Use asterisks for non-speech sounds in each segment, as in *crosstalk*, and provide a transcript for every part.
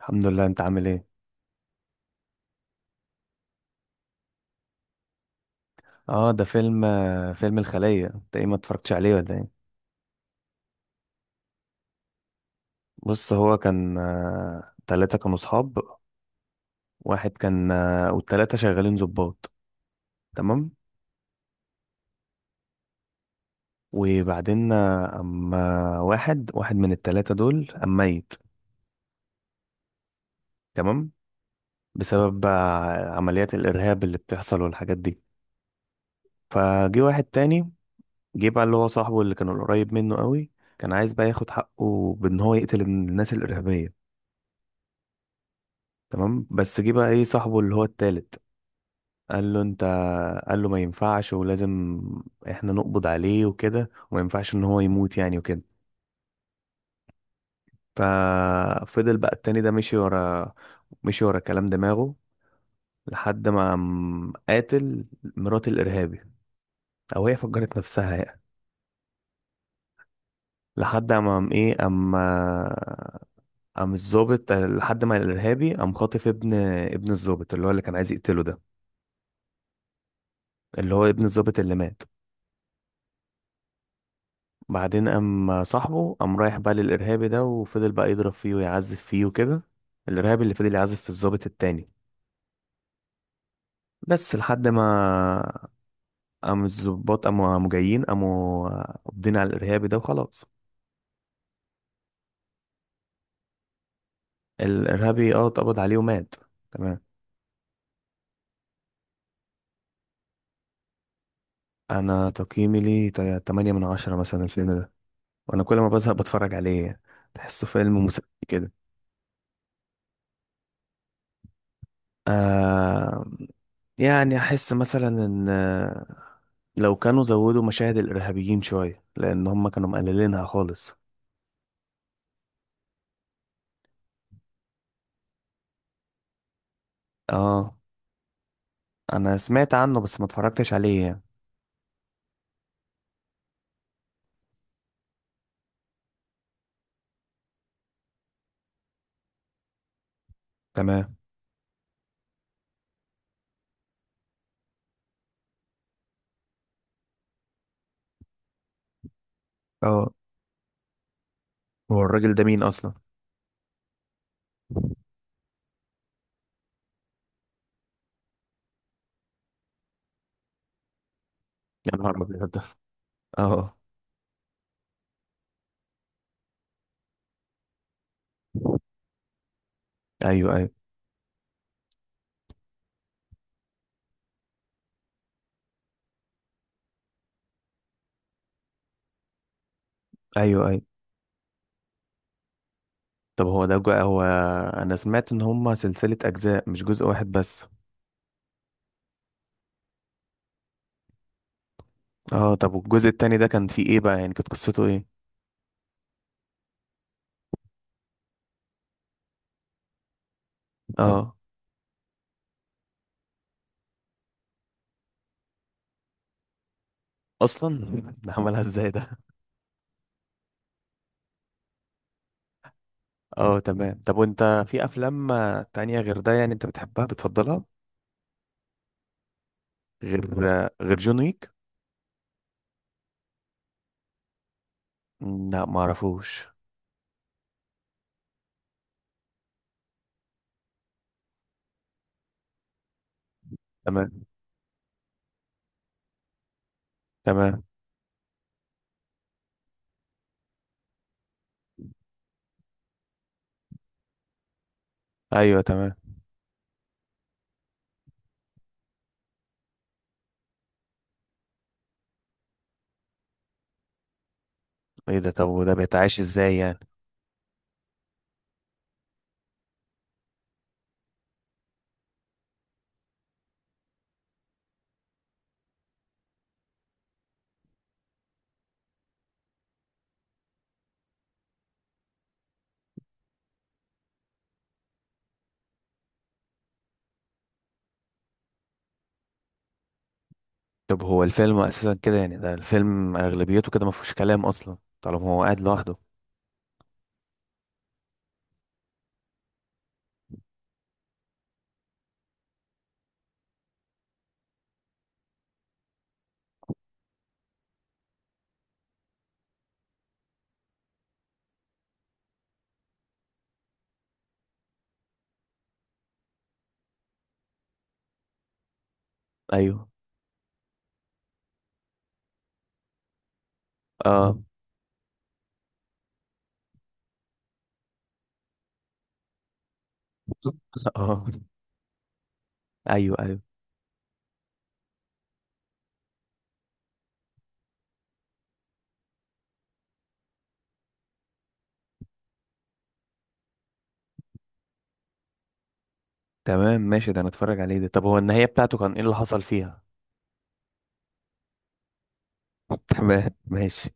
الحمد لله. انت عامل ايه؟ اه، ده فيلم فيلم الخلية. انت ايه، ما اتفرجتش عليه ولا ايه؟ بص، هو كان تلاتة كانوا صحاب. واحد كان والتلاتة شغالين ضباط. تمام. وبعدين اما واحد من التلاتة دول اما ميت. تمام. بسبب عمليات الارهاب اللي بتحصل والحاجات دي. فجي واحد تاني، جه بقى اللي هو صاحبه اللي كان قريب منه قوي. كان عايز بقى ياخد حقه بان هو يقتل الناس الارهابية. تمام. بس جه بقى ايه صاحبه اللي هو التالت، قال له انت، قال له ما ينفعش، ولازم احنا نقبض عليه وكده، وما ينفعش ان هو يموت يعني وكده. ففضل بقى التاني ده مشي ورا، مشي ورا كلام دماغه، لحد ما قام قاتل مرات الارهابي، او هي فجرت نفسها يعني. لحد ما قام ايه، اما قام الظابط لحد ما الارهابي قام خاطف ابن، ابن الظابط اللي هو اللي كان عايز يقتله ده، اللي هو ابن الظابط اللي مات. بعدين قام صاحبه قام رايح بقى للإرهابي ده، وفضل بقى يضرب فيه ويعذب فيه وكده. الإرهابي اللي فضل يعذب في الضابط التاني. بس لحد ما قام الضباط، قاموا جايين، قاموا قابضين على الإرهابي ده وخلاص. الإرهابي اه اتقبض عليه ومات. تمام. أنا تقييمي ليه 8 من 10 مثلا الفيلم ده. وأنا كل ما بزهق بتفرج عليه. تحسه فيلم مسلي كده. آه، يعني أحس مثلا إن لو كانوا زودوا مشاهد الارهابيين شويه، لان هم كانوا مقللينها خالص. اه. انا سمعت عنه بس ما اتفرجتش عليه يعني. تمام. اه. هو الراجل ده مين اصلا؟ يا نهار ابيض، اه. آه. ايوه ايوه. ايوه ايوه. طب هو ده هو انا سمعت ان هم سلسله اجزاء، مش جزء واحد بس. اه. طب والجزء التاني ده كان فيه ايه بقى، يعني كانت قصته ايه؟ اه. اصلا. *laughs* ده عملها ازاي ده؟ اه تمام. طب وانت في افلام تانية غير ده يعني انت بتحبها بتفضلها؟ غير، غير جون ويك. لا معرفوش. تمام تمام. ايوه تمام. ايه ده، طب وده بيتعاش ازاي يعني؟ طب هو الفيلم اساسا كده يعني، ده الفيلم اغلبيته كده ما فيهوش كلام اصلا طالما هو قاعد لوحده؟ ايوه. اه. *laughs* اه. ايوه ايوه. تمام ماشي، ده نتفرج عليه ده. طب هو النهاية بتاعته كان ايه اللي حصل فيها؟ *laughs* تمام ماشي.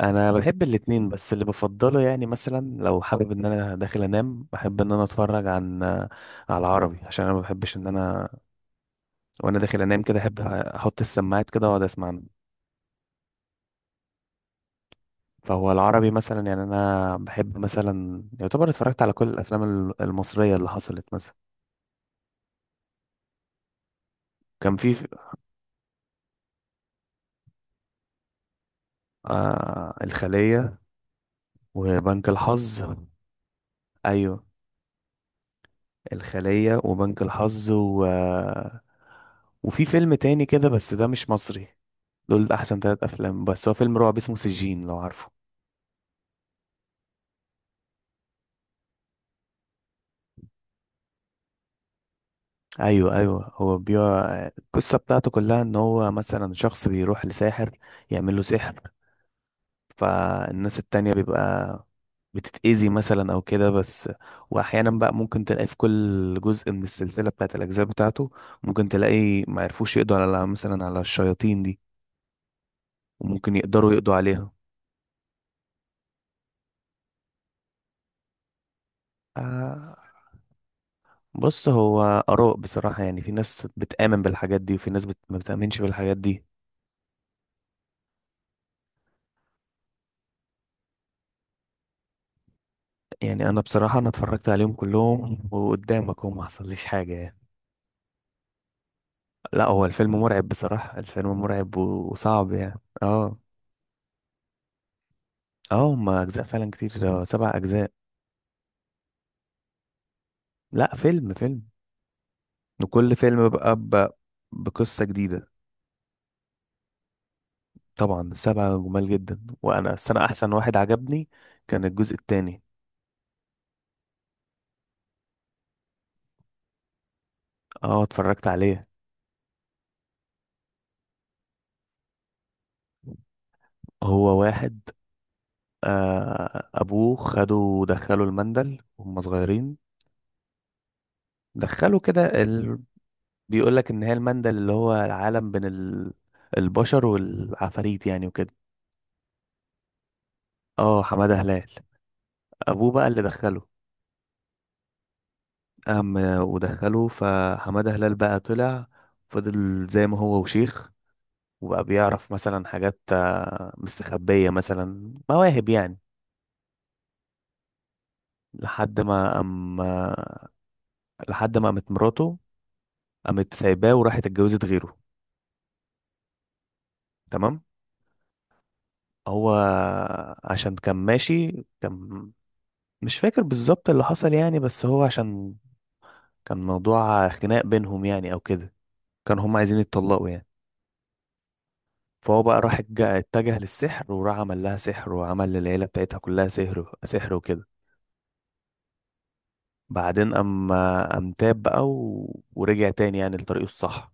انا بحب الاتنين، بس اللي بفضله يعني مثلا لو حابب ان انا داخل انام، بحب ان انا اتفرج على عربي، عشان انا ما بحبش ان انا، وانا داخل انام كده، احب احط السماعات كده واقعد اسمع. فهو العربي مثلا، يعني انا بحب مثلا، يعتبر اتفرجت على كل الافلام المصريه اللي حصلت مثلا. كان آه الخليه وبنك الحظ. ايوه. الخليه وبنك الحظ، و وفي فيلم تاني كده بس ده مش مصري. دول احسن ثلاث افلام. بس هو فيلم رعب اسمه سجين، لو عارفه. ايوه ايوه. هو القصه بتاعته كلها ان هو مثلا شخص بيروح لساحر يعمل له سحر، فالناس التانية بيبقى بتتأذي مثلا أو كده. بس، وأحيانا بقى ممكن تلاقي في كل جزء من السلسلة بتاعة الأجزاء بتاعته، ممكن تلاقي ما يعرفوش يقضوا على مثلا على الشياطين دي، وممكن يقدروا يقضوا عليها. آه. بص هو آراء بصراحة، يعني في ناس بتآمن بالحاجات دي، وفي ناس ما بتآمنش بالحاجات دي. يعني أنا بصراحة أنا اتفرجت عليهم كلهم وقدامك، وما حصليش حاجة يعني. لا، هو الفيلم مرعب بصراحة، الفيلم مرعب وصعب يعني، اه. اه، هما اجزاء فعلا كتير، 7 اجزاء. لا، فيلم فيلم. وكل فيلم بقى بقصة جديدة. طبعا 7 جمال جدا، وانا السنة احسن واحد عجبني كان الجزء التاني. اه اتفرجت عليه. هو واحد، آه، ابوه خده ودخله المندل وهم صغيرين. دخلوا كده بيقول لك ان هي المندل اللي هو العالم بين البشر والعفاريت يعني وكده. اه حمادة هلال، ابوه بقى اللي دخله. قام ودخله، فحمادة هلال بقى طلع، فضل زي ما هو وشيخ، وبقى بيعرف مثلا حاجات مستخبية، مثلا مواهب يعني. لحد ما قام لحد ما قامت مراته، قامت سايباه وراحت اتجوزت غيره. تمام. هو عشان كان ماشي، كان مش فاكر بالظبط اللي حصل يعني، بس هو عشان كان موضوع خناق بينهم يعني او كده، كانوا هم عايزين يتطلقوا يعني. فهو بقى راح اتجه للسحر، وراح عمل لها سحر، وعمل للعيلة بتاعتها كلها سحر وكده. بعدين أما أم تاب بقى ورجع تاني يعني لطريقه الصح.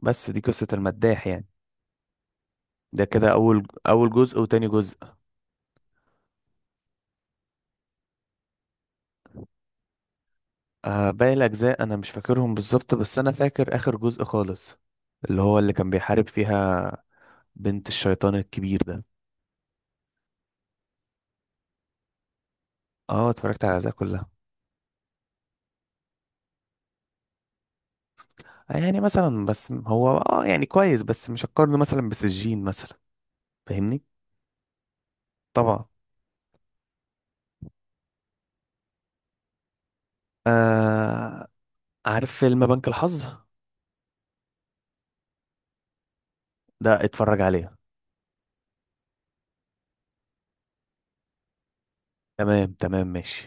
بس دي قصة المداح يعني. ده كده أول جزء وتاني جزء. آه باقي الأجزاء أنا مش فاكرهم بالظبط، بس أنا فاكر آخر جزء خالص، اللي هو اللي كان بيحارب فيها بنت الشيطان الكبير ده. اه اتفرجت على الأجزاء كلها. آه، يعني مثلا بس هو اه، يعني كويس، بس مش هقارنه مثلا بسجين مثلا، فاهمني. طبعا. آه. عارف فيلم بنك الحظ؟ ده اتفرج عليه. تمام تمام ماشي.